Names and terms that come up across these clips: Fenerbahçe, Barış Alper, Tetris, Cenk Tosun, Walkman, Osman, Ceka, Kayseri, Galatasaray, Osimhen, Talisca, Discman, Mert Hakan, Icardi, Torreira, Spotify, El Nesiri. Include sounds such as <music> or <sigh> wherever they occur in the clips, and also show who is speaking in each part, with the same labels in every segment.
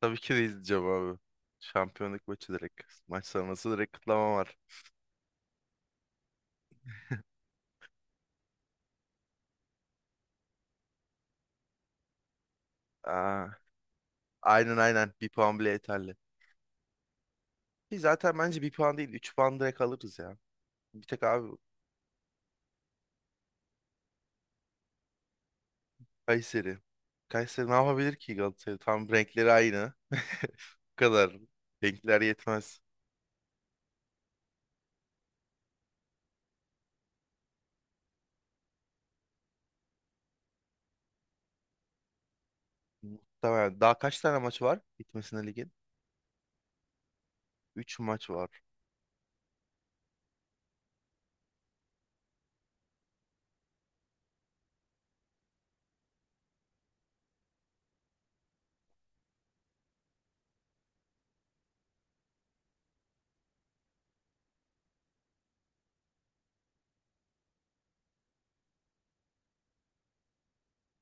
Speaker 1: Tabii ki de izleyeceğim abi. Şampiyonluk maçı direkt. Maç sonrası direkt kutlama var. Aa, aynen aynen. Bir puan bile yeterli. Ki zaten bence bir puan değil. Üç puan direkt alırız ya. Bir tek abi Kayseri. Kayseri ne yapabilir ki Galatasaray? Tam renkleri aynı. <laughs> Bu kadar. Renkler yetmez. Muhtemelen. Daha kaç tane maç var gitmesine ligin? Üç maç var.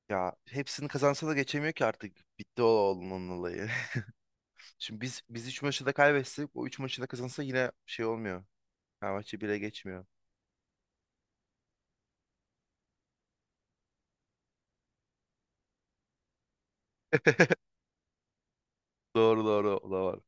Speaker 1: Ya hepsini kazansa da geçemiyor ki artık. Bitti o onun olayı. <laughs> Şimdi biz 3 maçı da kaybetsek o 3 maçı da kazansa yine şey olmuyor. Fenerbahçe bile geçmiyor. <laughs> Doğru doğru o da var.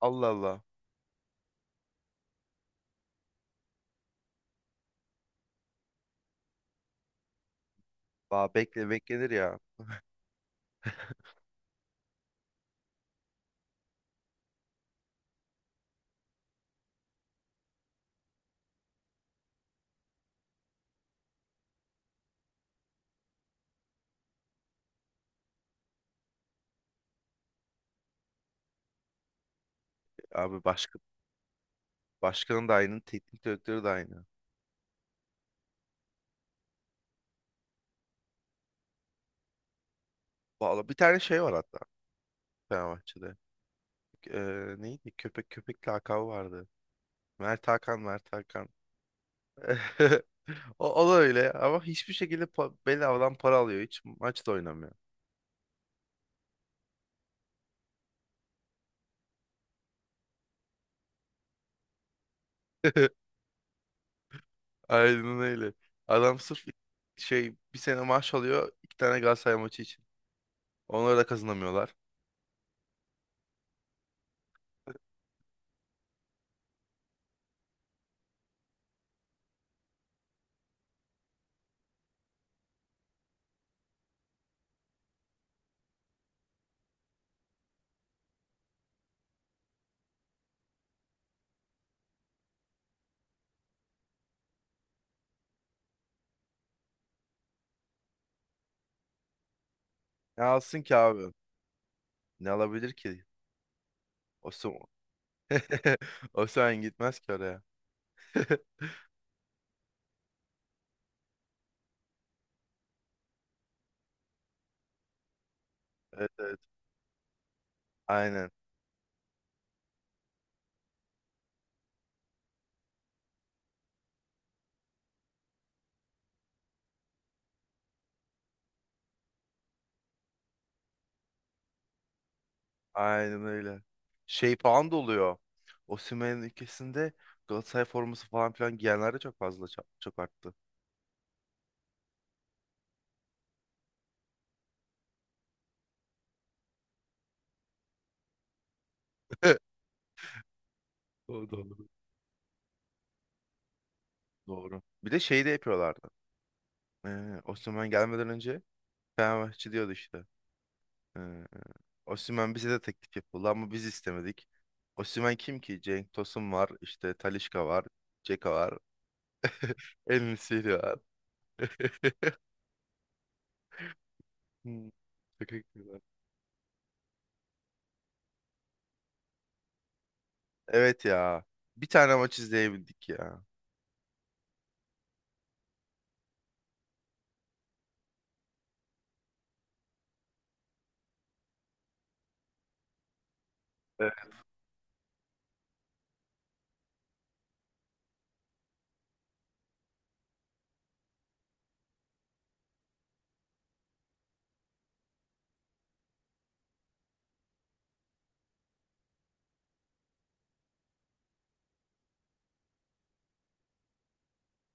Speaker 1: Allah Allah. Aa, beklenir ya. Abi başkanın da aynı, teknik direktörü de aynı. Vallahi bir tane şey var hatta Fenerbahçe'de. Neydi? Köpek köpek lakabı vardı. Mert Hakan, Mert Hakan. <laughs> O da öyle ama hiçbir şekilde bedavadan para alıyor. Hiç maçta oynamıyor. <laughs> Aynen öyle. Adam sırf şey bir sene maaş alıyor iki tane Galatasaray maçı için. Onları da kazanamıyorlar. Ne alsın ki abi? Ne alabilir ki? Osman. <laughs> Osman gitmez ki oraya. <laughs> Evet evet. Aynen. Aynen öyle. Şey falan da oluyor. Osimhen'in ülkesinde Galatasaray forması falan filan giyenler de çok fazla çok arttı. <laughs> O doğru. Doğru. Bir de şey de yapıyorlardı. Ee, Osimhen gelmeden önce Fenerbahçe diyordu işte. Ee, Osimhen bize de teklif yapıldı ama biz istemedik. Osimhen kim ki? Cenk Tosun var, işte Talisca var, Ceka var, <laughs> El Nesiri var. <laughs> Hmm. Şaka gibi. Evet ya. Bir tane maç izleyebildik ya. Evet.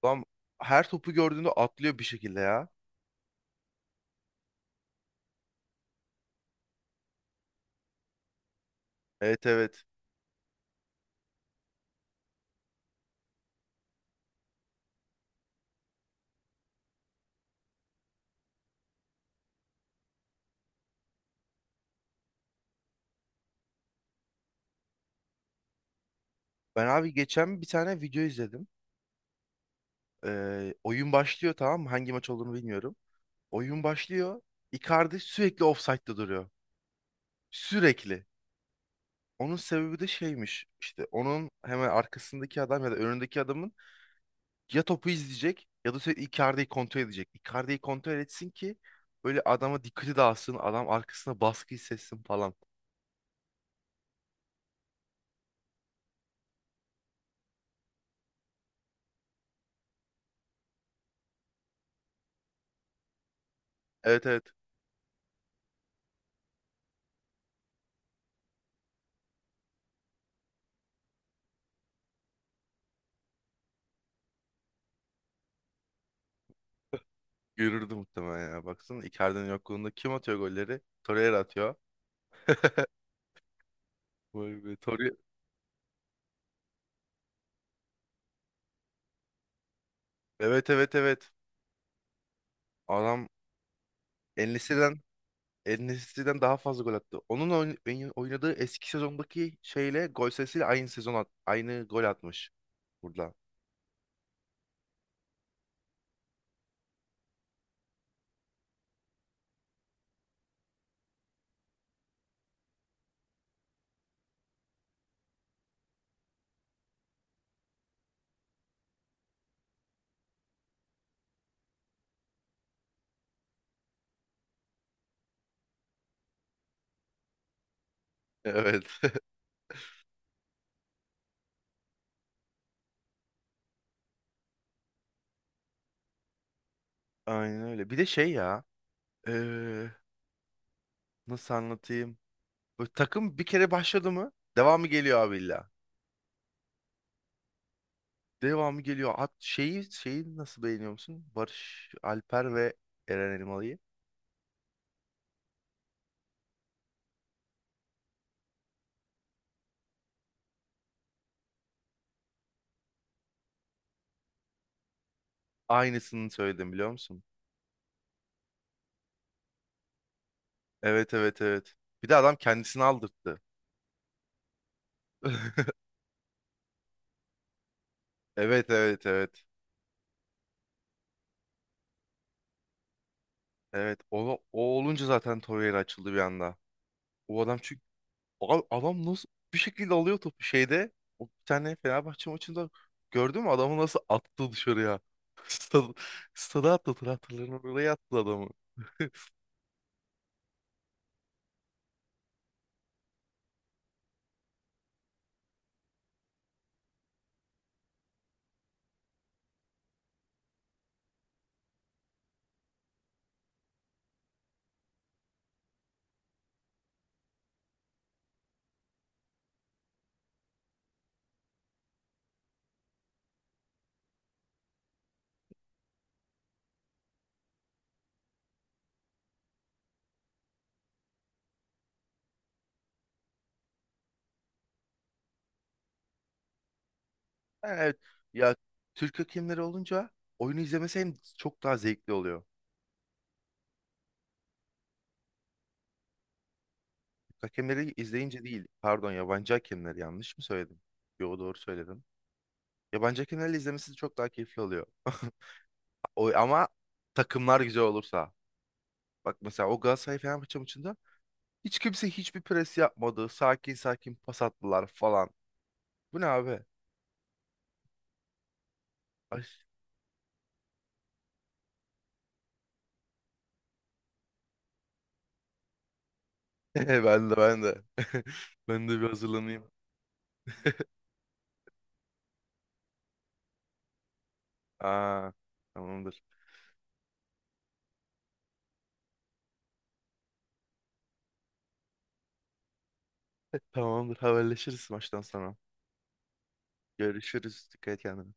Speaker 1: Adam her topu gördüğünde atlıyor bir şekilde ya. Evet evet. Ben abi geçen bir tane video izledim. Oyun başlıyor tamam mı? Hangi maç olduğunu bilmiyorum. Oyun başlıyor. Icardi sürekli offside'da duruyor. Sürekli. Onun sebebi de şeymiş. İşte onun hemen arkasındaki adam ya da önündeki adamın ya topu izleyecek ya da sürekli Icardi'yi kontrol edecek. Icardi'yi kontrol etsin ki böyle adama dikkati dağılsın, adam arkasına baskı hissetsin falan. Evet evet. Görürdü muhtemelen ya. Baksana Icardi'nin yokluğunda kim atıyor golleri? Torreira atıyor. <laughs> Vay be Torreira. Evet evet evet. Adam En En-Nesyri'den daha fazla gol attı. Onun oynadığı eski sezondaki şeyle gol sayısıyla aynı sezon aynı gol atmış burada. Evet. <laughs> Aynen öyle. Bir de şey ya. Nasıl anlatayım? Böyle takım bir kere başladı mı devamı geliyor abi illa. Devamı geliyor. At şeyi nasıl beğeniyor musun? Barış Alper ve Eren Elmalı'yı. Aynısını söyledim biliyor musun? Evet evet evet. Bir de adam kendisini aldırttı. <laughs> Evet evet evet. Evet o olunca zaten Torreira açıldı bir anda. O adam çünkü abi adam nasıl bir şekilde alıyor topu şeyde. O bir tane Fenerbahçe maçında gördün mü adamı nasıl attı dışarıya? <laughs> Stada, stada attı traktörlerini oraya attı adamı. <laughs> Evet ya, Türk hakemleri olunca oyunu izlemesi hem çok daha zevkli oluyor. Türk hakemleri izleyince değil, pardon, yabancı hakemleri, yanlış mı söyledim? Yo, doğru söyledim. Yabancı hakemlerle izlemesi çok daha keyifli oluyor. <laughs> O, ama takımlar güzel olursa. Bak mesela o Galatasaray Fenerbahçe maçında hiç kimse hiçbir pres yapmadı. Sakin sakin pas attılar falan. Bu ne abi? Ay. <laughs> Ben de ben de. <laughs> Ben de bir hazırlanayım. Aa, tamamdır. Tamamdır. Haberleşiriz maçtan sonra. Görüşürüz. Dikkat et kendine.